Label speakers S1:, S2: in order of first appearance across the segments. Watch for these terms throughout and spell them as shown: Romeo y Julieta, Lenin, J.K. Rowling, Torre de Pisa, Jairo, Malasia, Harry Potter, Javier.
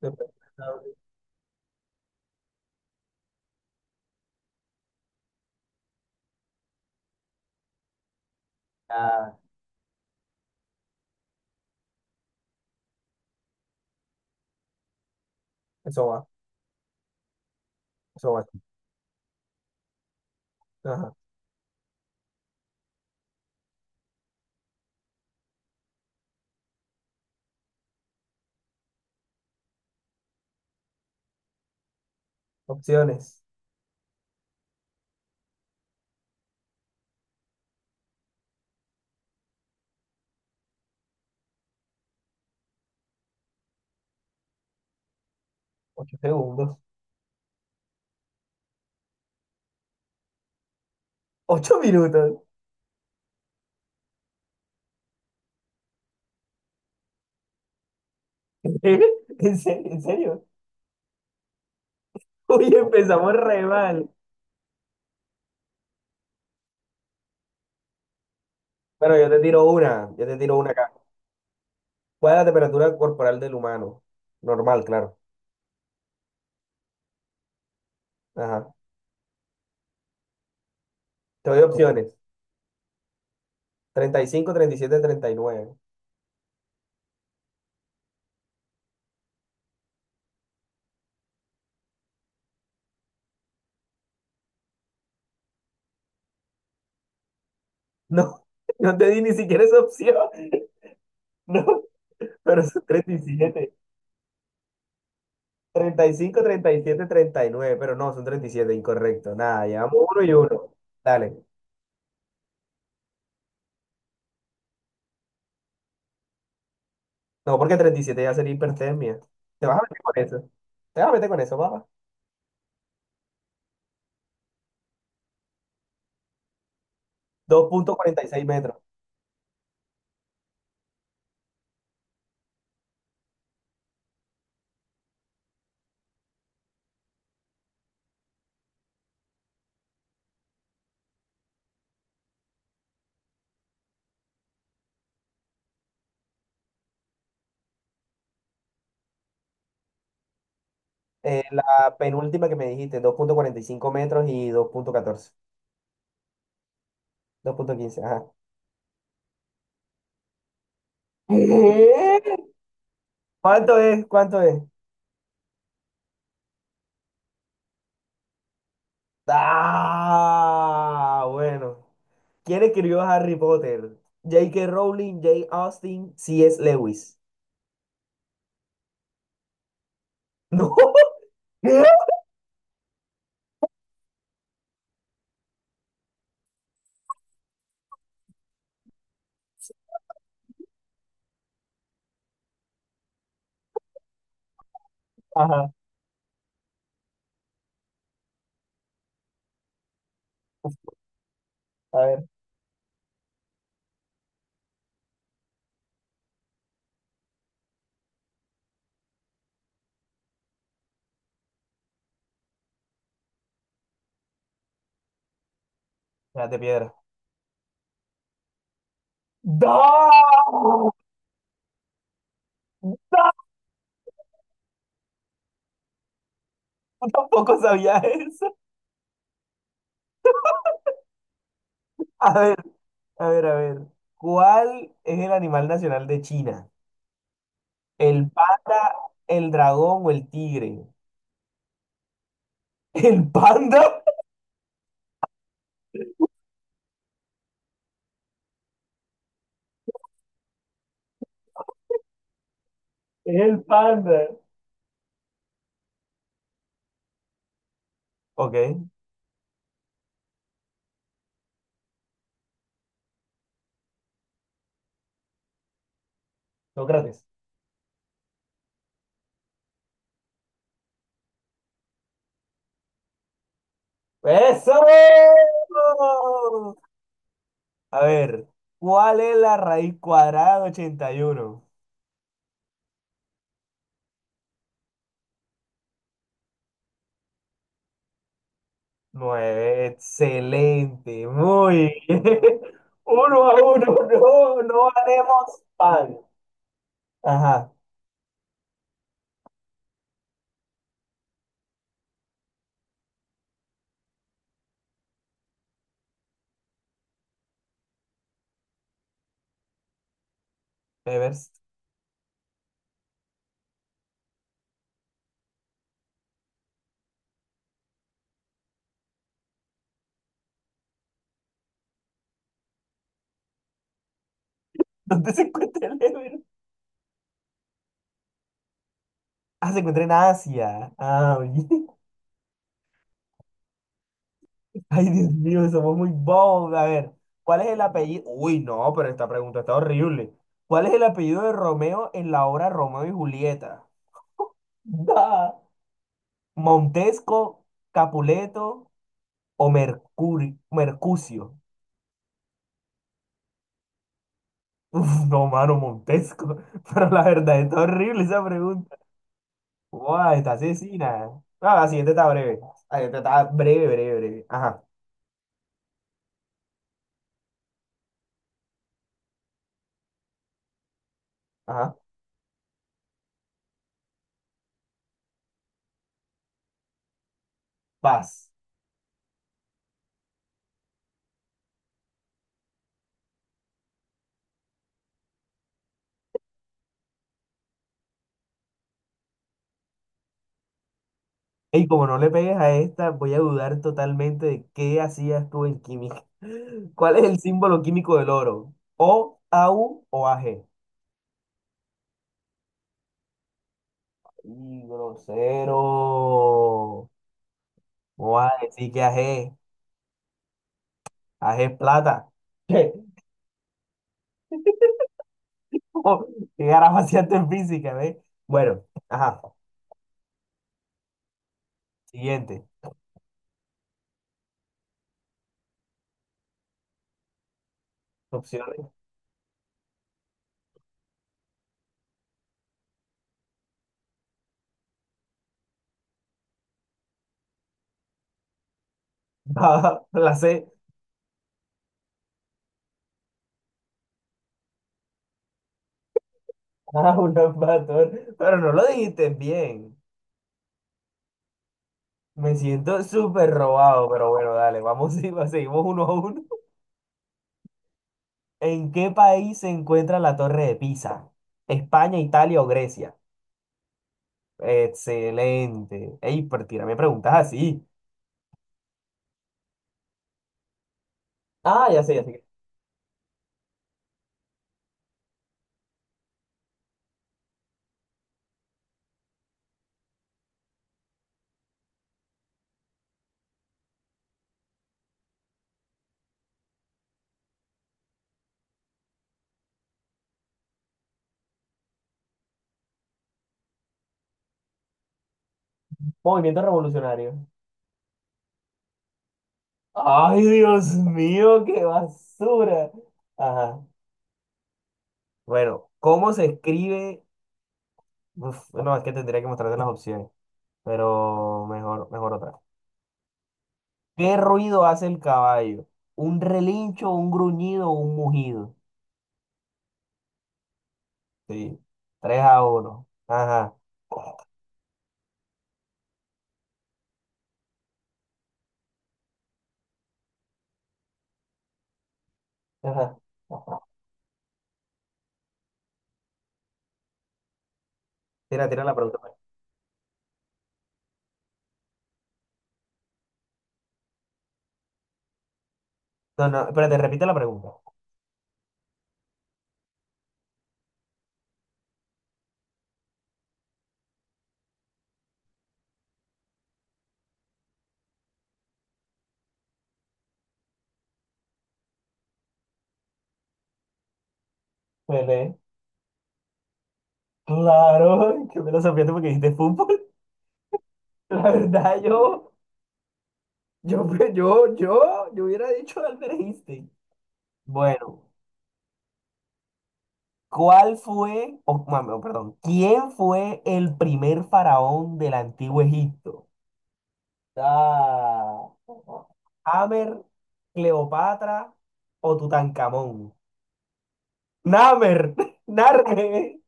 S1: Después, ah, eso va, eso va. Ajá. Opciones. 8 segundos. 8 minutos. ¿En serio? ¿En serio? Uy, empezamos re mal. Bueno, yo te tiro una. Yo te tiro una acá. ¿Cuál es la temperatura corporal del humano? Normal, claro. Ajá. Te doy opciones. Treinta y cinco, treinta y siete, treinta y nueve. No, no te di ni siquiera esa opción. No, pero son 37. Treinta y cinco treinta y siete treinta y nueve pero no, son 37 incorrecto. Nada, llevamos 1-1. Dale. No, porque 37 ya sería hipertermia. Te vas a meter con eso. Te vas a meter con eso, papá. 2.46 metros. La penúltima que me dijiste, 2.45 metros y 2.14. 2.15, ajá. ¿Qué? ¿Cuánto es? ¿Cuánto es? Ah, bueno. ¿Quién escribió Harry Potter? JK Rowling, J. Austin, C.S. Lewis. No. ¿Qué? Ajá, a ver, las de piedra. ¡No! Tampoco sabía eso. A ver, a ver, a ver. ¿Cuál es el animal nacional de China? ¿El panda, el dragón o el tigre? ¿El panda? Es el panda. Ok, Sócrates. ¡Eso! A ver, ¿cuál es la raíz cuadrada de 81? Nueve, excelente, muy bien. 1-1, no, no haremos pan. Ajá, Evers. ¿Dónde se encuentra el Evers? Ah, se encuentra en Asia. Ah, bien. Ay, Dios mío, somos muy bobos. A ver, ¿cuál es el apellido? Uy, no, pero esta pregunta está horrible. ¿Cuál es el apellido de Romeo en la obra Romeo y Julieta? Da. ¿Montesco, Capuleto o Mercuri, Mercucio? No, mano, Montesco. Pero la verdad, está horrible esa pregunta. Guau, está asesina. Ah, la siguiente está breve. La siguiente está breve, breve, breve. Ajá, ajá. Vas. Y como no le pegues a esta, voy a dudar totalmente de qué hacías tú en química. ¿Cuál es el símbolo químico del oro? O, AU o AG. Y grosero. ¿Cómo vas a decir que AG? AG es plata. ¿Qué? ¿Qué carajo hacías tú en física, ve? Bueno, ajá. Siguiente. Opción. A, la C. Ah, un matón. Pero no lo dijiste bien. Me siento súper robado, pero bueno, dale, vamos, y- seguimos 1-1. ¿En qué país se encuentra la Torre de Pisa? ¿España, Italia o Grecia? Excelente. Ey, pero tírame preguntas así. Ah, ya sé, ya sé. Movimiento revolucionario. Ay, Dios mío, qué basura. Ajá. Bueno, ¿cómo se escribe? Uf, no, es que tendría que mostrarte las opciones. Pero mejor, mejor otra. ¿Qué ruido hace el caballo? ¿Un relincho, un gruñido o un mugido? Sí, 3-1. Ajá. Ajá. Tira, tira la pregunta, pues. No, no, espérate, repite la pregunta. Pelé. Claro, qué filosofía porque dijiste fútbol. La verdad, yo, yo, yo hubiera dicho Albert Einstein. Bueno, ¿cuál fue, o, mami, oh, perdón, quién fue el primer faraón del antiguo Egipto? Ah, Amer, Cleopatra o Tutankamón. Namer, Narme.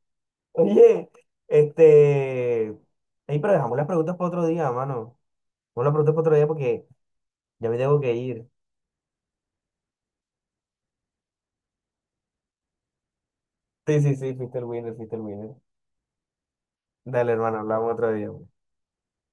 S1: Oye, este. Ey, pero dejamos las preguntas para otro día, mano. Dejamos las preguntas para otro día porque ya me tengo que ir. Sí, sí, sí, fuiste el winner, fuiste el winner. Dale, hermano, hablamos otro día.